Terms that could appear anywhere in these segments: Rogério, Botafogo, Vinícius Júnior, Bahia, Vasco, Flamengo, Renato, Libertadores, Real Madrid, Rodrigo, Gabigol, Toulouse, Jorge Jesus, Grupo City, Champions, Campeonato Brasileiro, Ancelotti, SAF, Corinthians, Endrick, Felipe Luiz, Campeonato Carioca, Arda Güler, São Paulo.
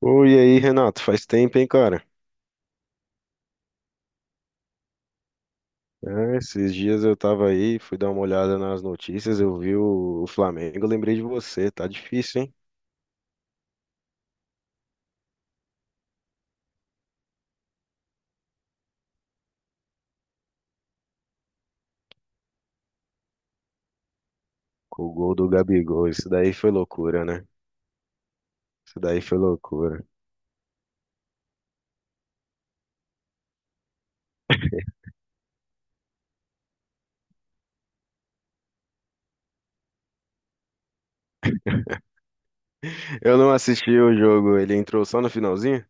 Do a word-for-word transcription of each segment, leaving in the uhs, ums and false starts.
Oi, e aí, Renato? Faz tempo, hein, cara? É, esses dias eu tava aí, fui dar uma olhada nas notícias, eu vi o, o Flamengo, lembrei de você, tá difícil, hein? Com o gol do Gabigol, isso daí foi loucura, né? Isso daí foi loucura. Eu não assisti o jogo, ele entrou só no finalzinho?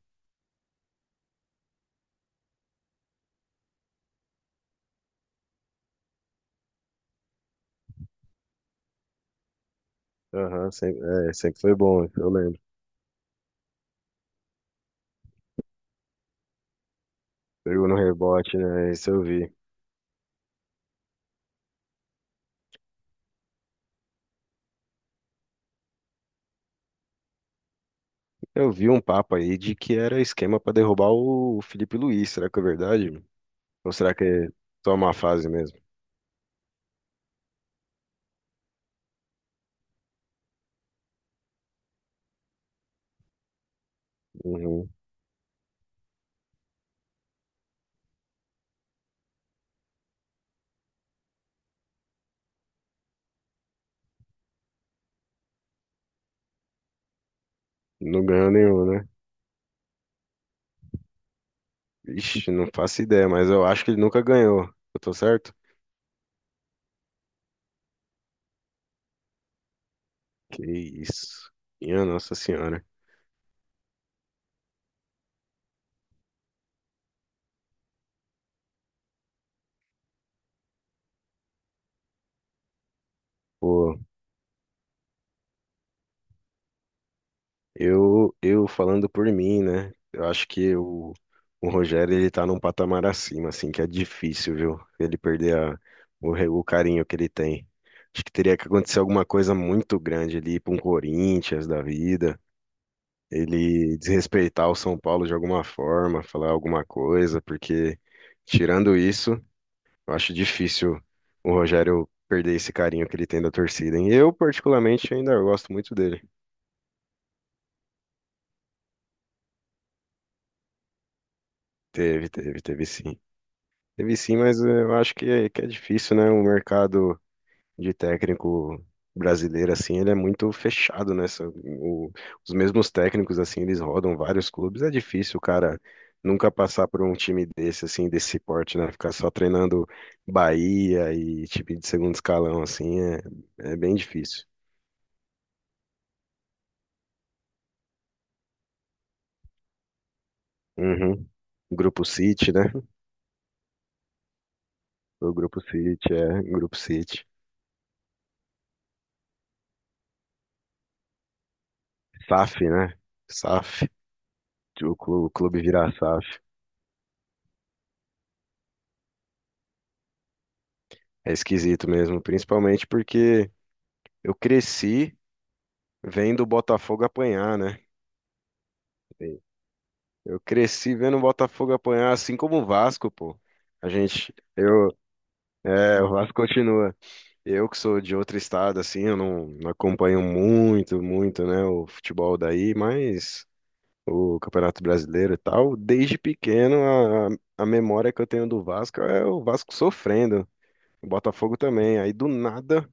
Aham, sempre, é, sempre foi bom, eu lembro. Pegou no rebote, né? Isso eu vi. Eu vi um papo aí de que era esquema pra derrubar o Felipe Luiz, será que é verdade? Ou será que é só uma fase mesmo? Uhum. Não ganhou nenhum, né? Ixi, não faço ideia, mas eu acho que ele nunca ganhou. Eu tô certo? Que isso. Minha Nossa Senhora. Pô, eu, eu falando por mim, né? Eu acho que o, o Rogério, ele tá num patamar acima, assim, que é difícil, viu? Ele perder a- o, re- o carinho que ele tem. Acho que teria que acontecer alguma coisa muito grande ali pra um Corinthians da vida. Ele desrespeitar o São Paulo de alguma forma, falar alguma coisa, porque tirando isso. Eu acho difícil o Rogério perder esse carinho que ele tem da torcida. E eu, particularmente, ainda gosto muito dele. Teve, teve, teve sim. Teve sim, mas eh, eu acho que é, que é difícil, né? O mercado de técnico brasileiro, assim, ele é muito fechado, né? São- o- os mesmos técnicos, assim, eles rodam vários clubes. É difícil, o cara, nunca passar por um time desse, assim, desse porte, né? Ficar só treinando Bahia e time de segundo escalão, assim, é, é bem difícil. Uhum. Grupo City, né? O Grupo City, é, Grupo City. S A F, né? S A F. O clu- o clube virar S A F. É esquisito mesmo, principalmente porque eu cresci vendo o Botafogo apanhar, né? Sim. Eu cresci vendo o Botafogo apanhar, assim como o Vasco, pô. A gente, eu, é, o Vasco continua. Eu que sou de outro estado, assim, eu não, não acompanho muito, muito, né, o futebol daí, mas o Campeonato Brasileiro e tal, desde pequeno a, a memória que eu tenho do Vasco é o Vasco sofrendo, o Botafogo também. Aí do nada,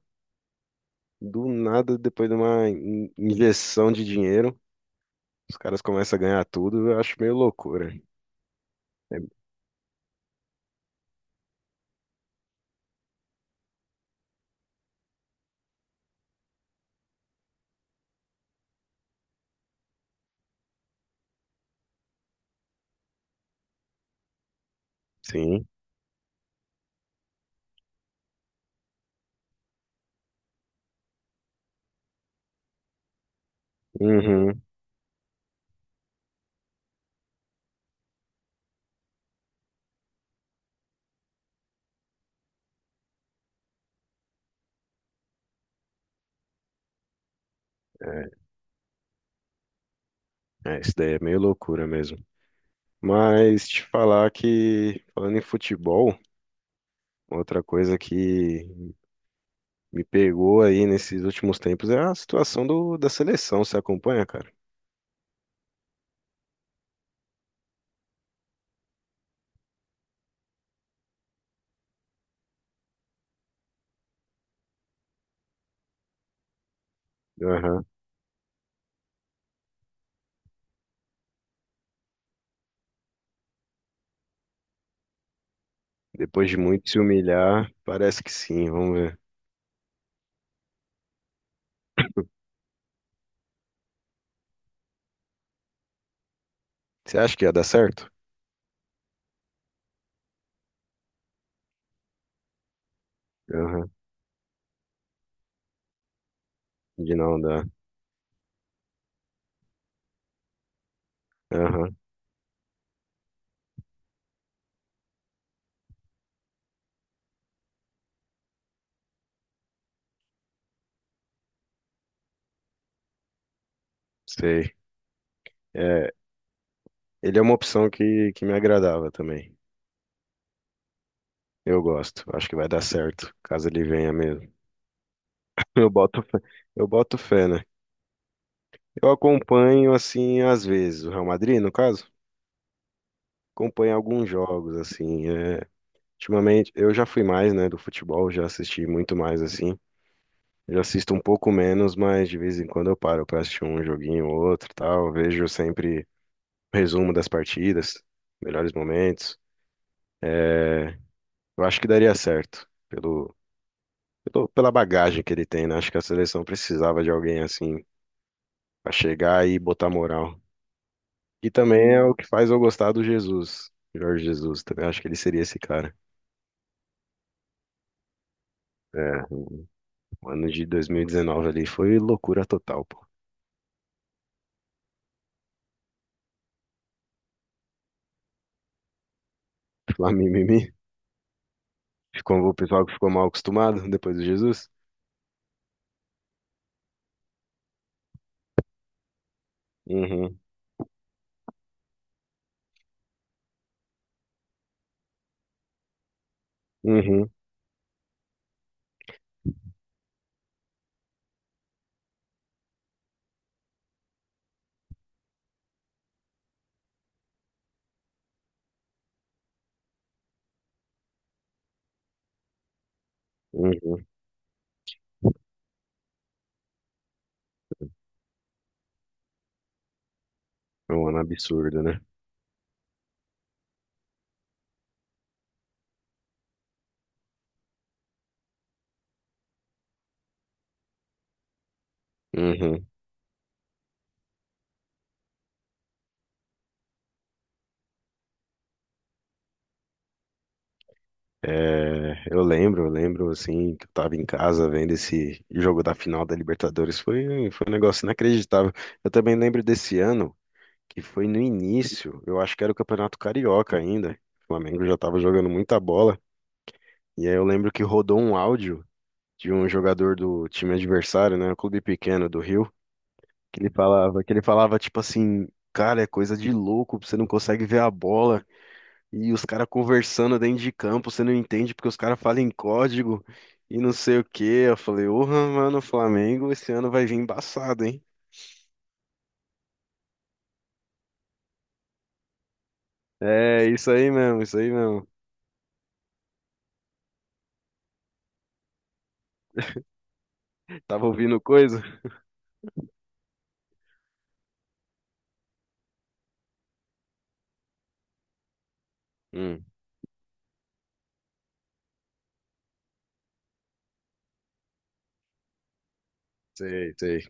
do nada, depois de uma in- injeção de dinheiro, os caras começam a ganhar tudo, eu acho meio loucura. É, sim, uhum, é, é, isso daí é meio loucura mesmo. Mas te falar que, falando em futebol, outra coisa que me pegou aí nesses últimos tempos é a situação do, da seleção, você acompanha, cara? Depois de muito se humilhar, parece que sim, vamos ver. Você acha que ia dar certo? Aham, de não dar. Aham, sei. É, ele é uma opção que, que me agradava também. Eu gosto, acho que vai dar certo, caso ele venha mesmo. Eu boto, fé- eu boto fé, né? Eu acompanho, assim, às vezes, o Real Madrid, no caso, acompanho alguns jogos, assim, é, ultimamente, eu já fui mais, né, do futebol, já assisti muito mais, assim, eu assisto um pouco menos, mas de vez em quando eu paro pra assistir um joguinho ou outro, tal. Vejo sempre resumo das partidas, melhores momentos. É, eu acho que daria certo pelo, pelo- pela bagagem que ele tem, né? Acho que a seleção precisava de alguém assim pra chegar e botar moral. E também é o que faz eu gostar do Jesus, Jorge Jesus. Também acho que ele seria esse cara. É, o ano de dois mil e dezenove ali foi loucura total, pô. Lá mimimi. Ficou o pessoal que ficou mal acostumado depois do Jesus. Uhum. Uhum. Uhum. É um ano absurdo, né? Uhum. É, eu lembro, eu lembro assim, que eu tava em casa vendo esse jogo da final da Libertadores. Foi, foi um negócio inacreditável. Eu também lembro desse ano, que foi no início, eu acho que era o Campeonato Carioca ainda. O Flamengo já tava jogando muita bola. E aí eu lembro que rodou um áudio de um jogador do time adversário, né? Um clube pequeno do Rio, que ele falava, que ele falava tipo assim, cara, é coisa de louco, você não consegue ver a bola. E os caras conversando dentro de campo, você não entende porque os caras falam em código e não sei o quê. Eu falei, porra, mano, o Flamengo esse ano vai vir embaçado, hein? É, isso aí mesmo, isso aí mesmo. Tava ouvindo coisa? Hum, sei, sei.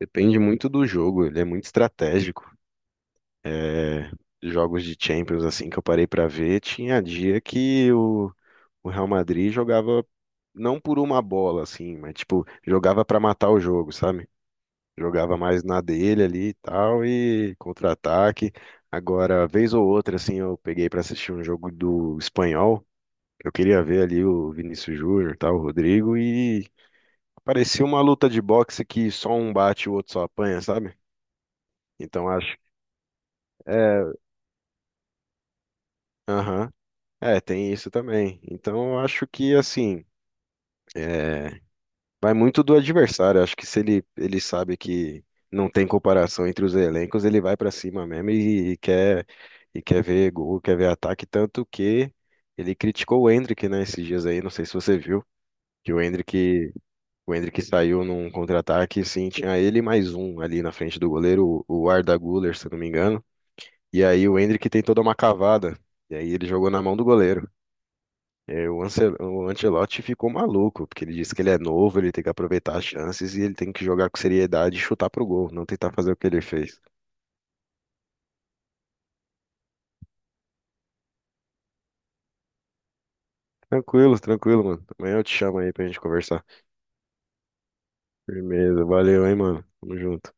Depende muito do jogo, ele é muito estratégico. É, jogos de Champions, assim, que eu parei pra ver, tinha dia que o, o Real Madrid jogava não por uma bola, assim, mas, tipo, jogava pra matar o jogo, sabe? Jogava mais na dele ali e tal, e contra-ataque. Agora, vez ou outra, assim, eu peguei pra assistir um jogo do espanhol. Eu queria ver ali o Vinícius Júnior, tal, o Rodrigo, e parecia uma luta de boxe que só um bate e o outro só apanha, sabe? Então acho. É, aham. É, tem isso também. Então eu acho que, assim, é, vai muito do adversário. Acho que se ele, ele sabe que não tem comparação entre os elencos, ele vai pra cima mesmo e, e quer e quer ver gol, quer ver ataque, tanto que ele criticou o Endrick, né, esses dias aí, não sei se você viu, que o Endrick, o Endrick saiu num contra-ataque, sim, tinha ele e mais um ali na frente do goleiro, o o Arda Güler, se eu não me engano. E aí o Endrick tem toda uma cavada, e aí ele jogou na mão do goleiro. É, o Ancel- o Ancelotti ficou maluco, porque ele disse que ele é novo, ele tem que aproveitar as chances e ele tem que jogar com seriedade e chutar pro gol, não tentar fazer o que ele fez. Tranquilo, tranquilo, mano. Amanhã eu te chamo aí pra gente conversar. Firmeza, valeu, hein, mano. Tamo junto.